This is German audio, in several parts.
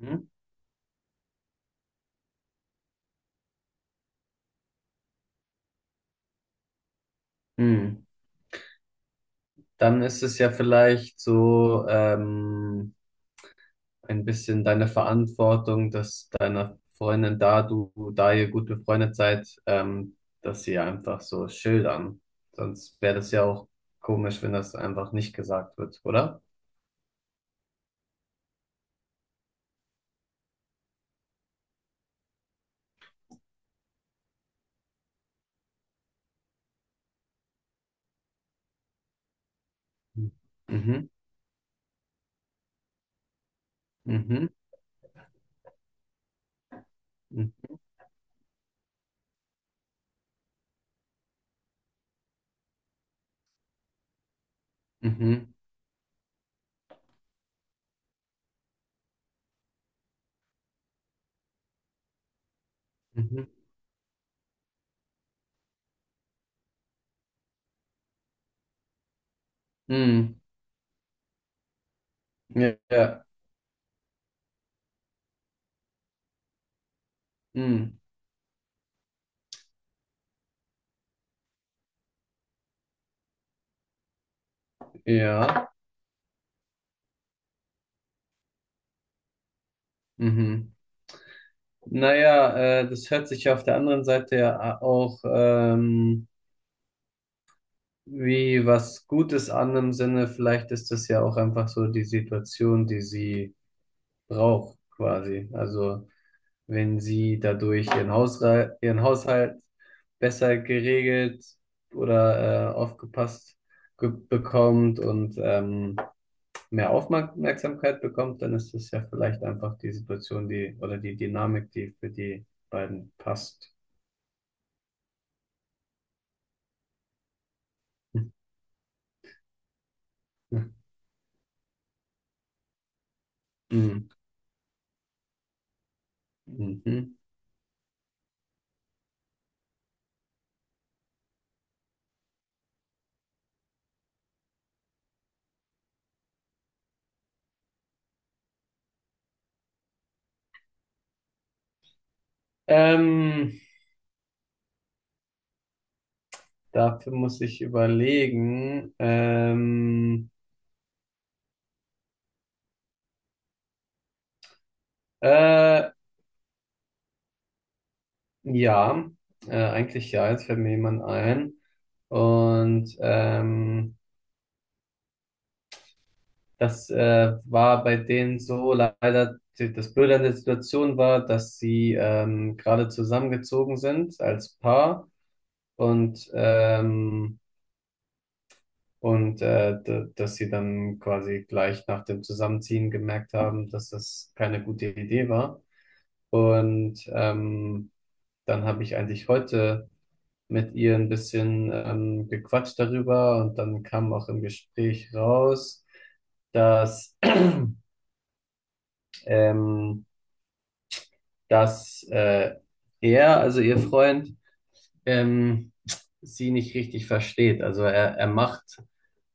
Hm? Hm. Dann ist es ja vielleicht so ein bisschen deine Verantwortung, dass deiner Freundin da, du, da ihr gut befreundet seid, dass sie einfach so schildern. Sonst wäre das ja auch komisch, wenn das einfach nicht gesagt wird, oder? Mhm, mhm, mhm, mhm, mhm, mhm. Ja, ja, mhm. Ja, mhm. Naja, das hört sich ja auf der anderen Seite ja auch wie was Gutes an im Sinne, vielleicht ist das ja auch einfach so die Situation, die sie braucht, quasi. Also wenn sie dadurch ihren Haushalt besser geregelt oder aufgepasst bekommt und mehr Aufmerksamkeit bekommt, dann ist das ja vielleicht einfach die Situation, die oder die Dynamik, die für die beiden passt. Mhm. Mhm. Ähm, Dafür muss ich überlegen. Äh, ja, eigentlich ja, jetzt fällt mir jemand ein. Und das war bei denen so leider, das Blöde an der Situation war, dass sie gerade zusammengezogen sind als Paar und dass sie dann quasi gleich nach dem Zusammenziehen gemerkt haben, dass das keine gute Idee war. Und dann habe ich eigentlich heute mit ihr ein bisschen gequatscht darüber und dann kam auch im Gespräch raus, dass, ähm, dass er, also ihr Freund, ähm, sie nicht richtig versteht. Also er macht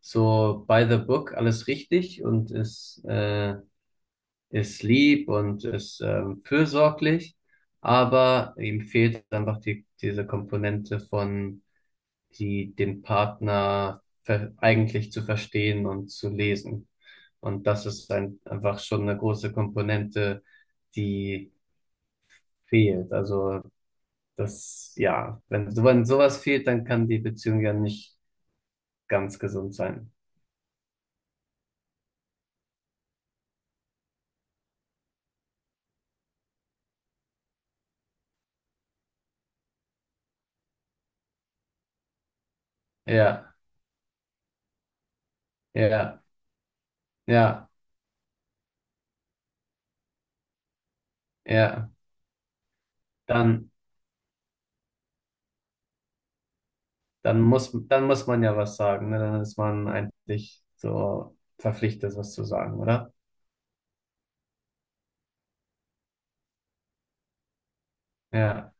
so by the book alles richtig und ist lieb und ist fürsorglich, aber ihm fehlt einfach diese Komponente von die den Partner ver eigentlich zu verstehen und zu lesen. Und das ist einfach schon eine große Komponente, die fehlt. Also das, ja, wenn sowas fehlt, dann kann die Beziehung ja nicht ganz gesund sein. Ja, ja, ja, ja. Dann, dann muss man ja was sagen, ne? Dann ist man eigentlich so verpflichtet, was zu sagen, oder? Ja,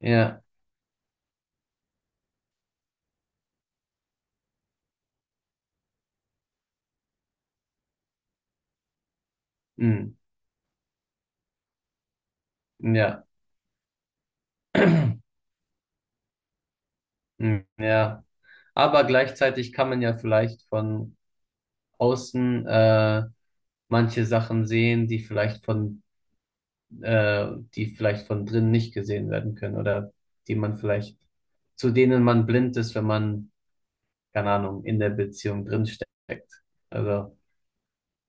ja, mm, ja, mm, ja. Aber gleichzeitig kann man ja vielleicht von außen manche Sachen sehen, die vielleicht äh, die vielleicht von drinnen nicht gesehen werden können oder die man vielleicht, zu denen man blind ist, wenn man, keine Ahnung, in der Beziehung drinsteckt. Also.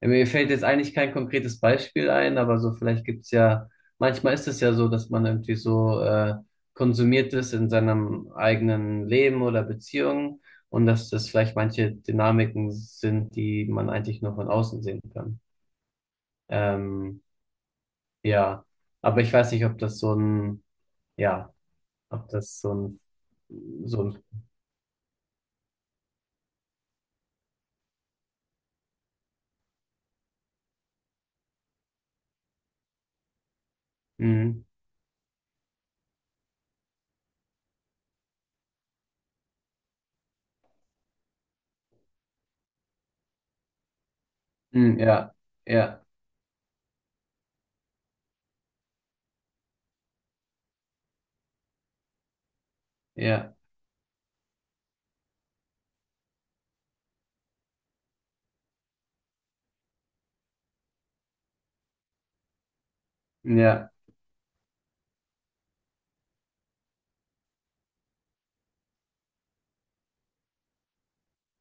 Ja, mir fällt jetzt eigentlich kein konkretes Beispiel ein, aber so vielleicht gibt's ja, manchmal ist es ja so, dass man irgendwie so konsumiert ist in seinem eigenen Leben oder Beziehung und dass das vielleicht manche Dynamiken sind, die man eigentlich nur von außen sehen kann. Ähm, ja, aber ich weiß nicht, ob das so ein, ja, ob das so ein, so ein, mm, mm, ja, ja, ja, ja,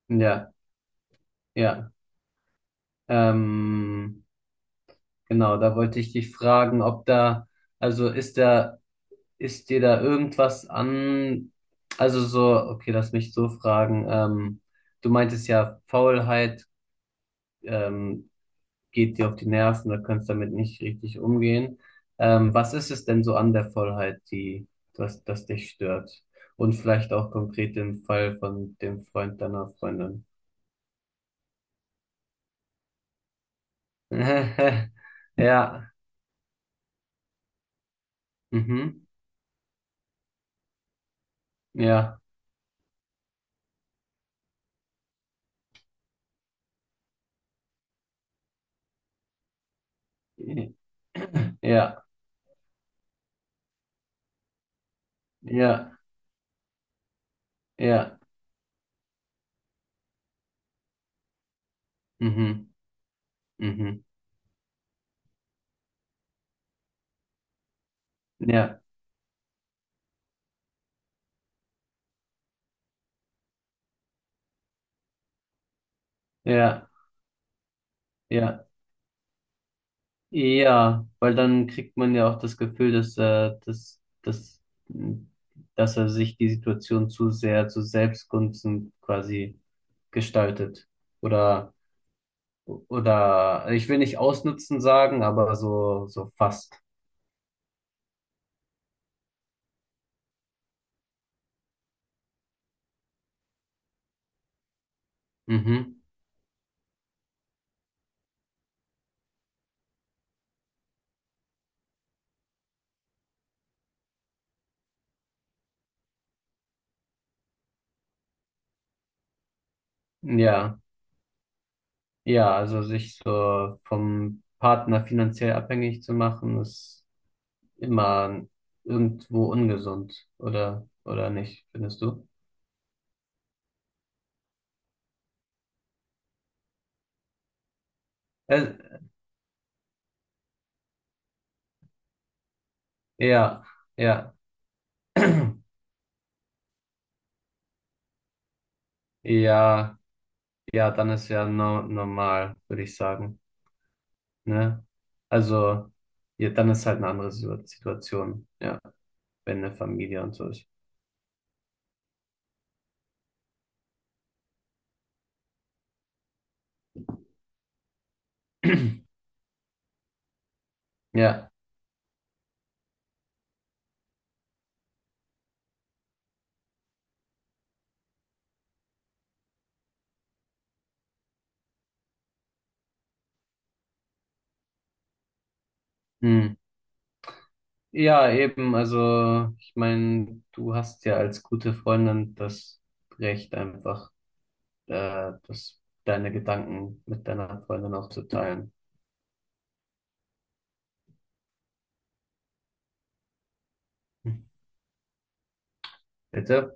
ja, ja. ähm, Genau, da wollte ich dich fragen, ob da, also ist da, ist dir da irgendwas an, also so, okay, lass mich so fragen, du meintest ja, Faulheit, ähm, geht dir auf die Nerven, da kannst damit nicht richtig umgehen. Was ist es denn so an der Faulheit, die, das dich stört? Und vielleicht auch konkret im Fall von dem Freund deiner Freundin. Ja, mhm, ja, ja, ja. Ja. Ja, mhm, mhm, ja, ja, ja, ja, weil dann kriegt man ja auch das Gefühl, dass er sich die Situation zu sehr zu Selbstgunsten quasi gestaltet. Oder, ich will nicht ausnutzen sagen, aber so fast. Mhm, ja, ja, also sich so vom Partner finanziell abhängig zu machen, ist immer irgendwo ungesund, oder nicht, findest du? Äh, ja, ja, ja, ja, dann ist ja no, normal, würde ich sagen, ne? Also, ja, dann ist halt eine andere Situation, ja, wenn eine Familie und so ist. Ja, hm. Ja, eben, also ich meine, du hast ja als gute Freundin das Recht einfach, äh, das, deine Gedanken mit deiner Freundin auch zu teilen. Bitte?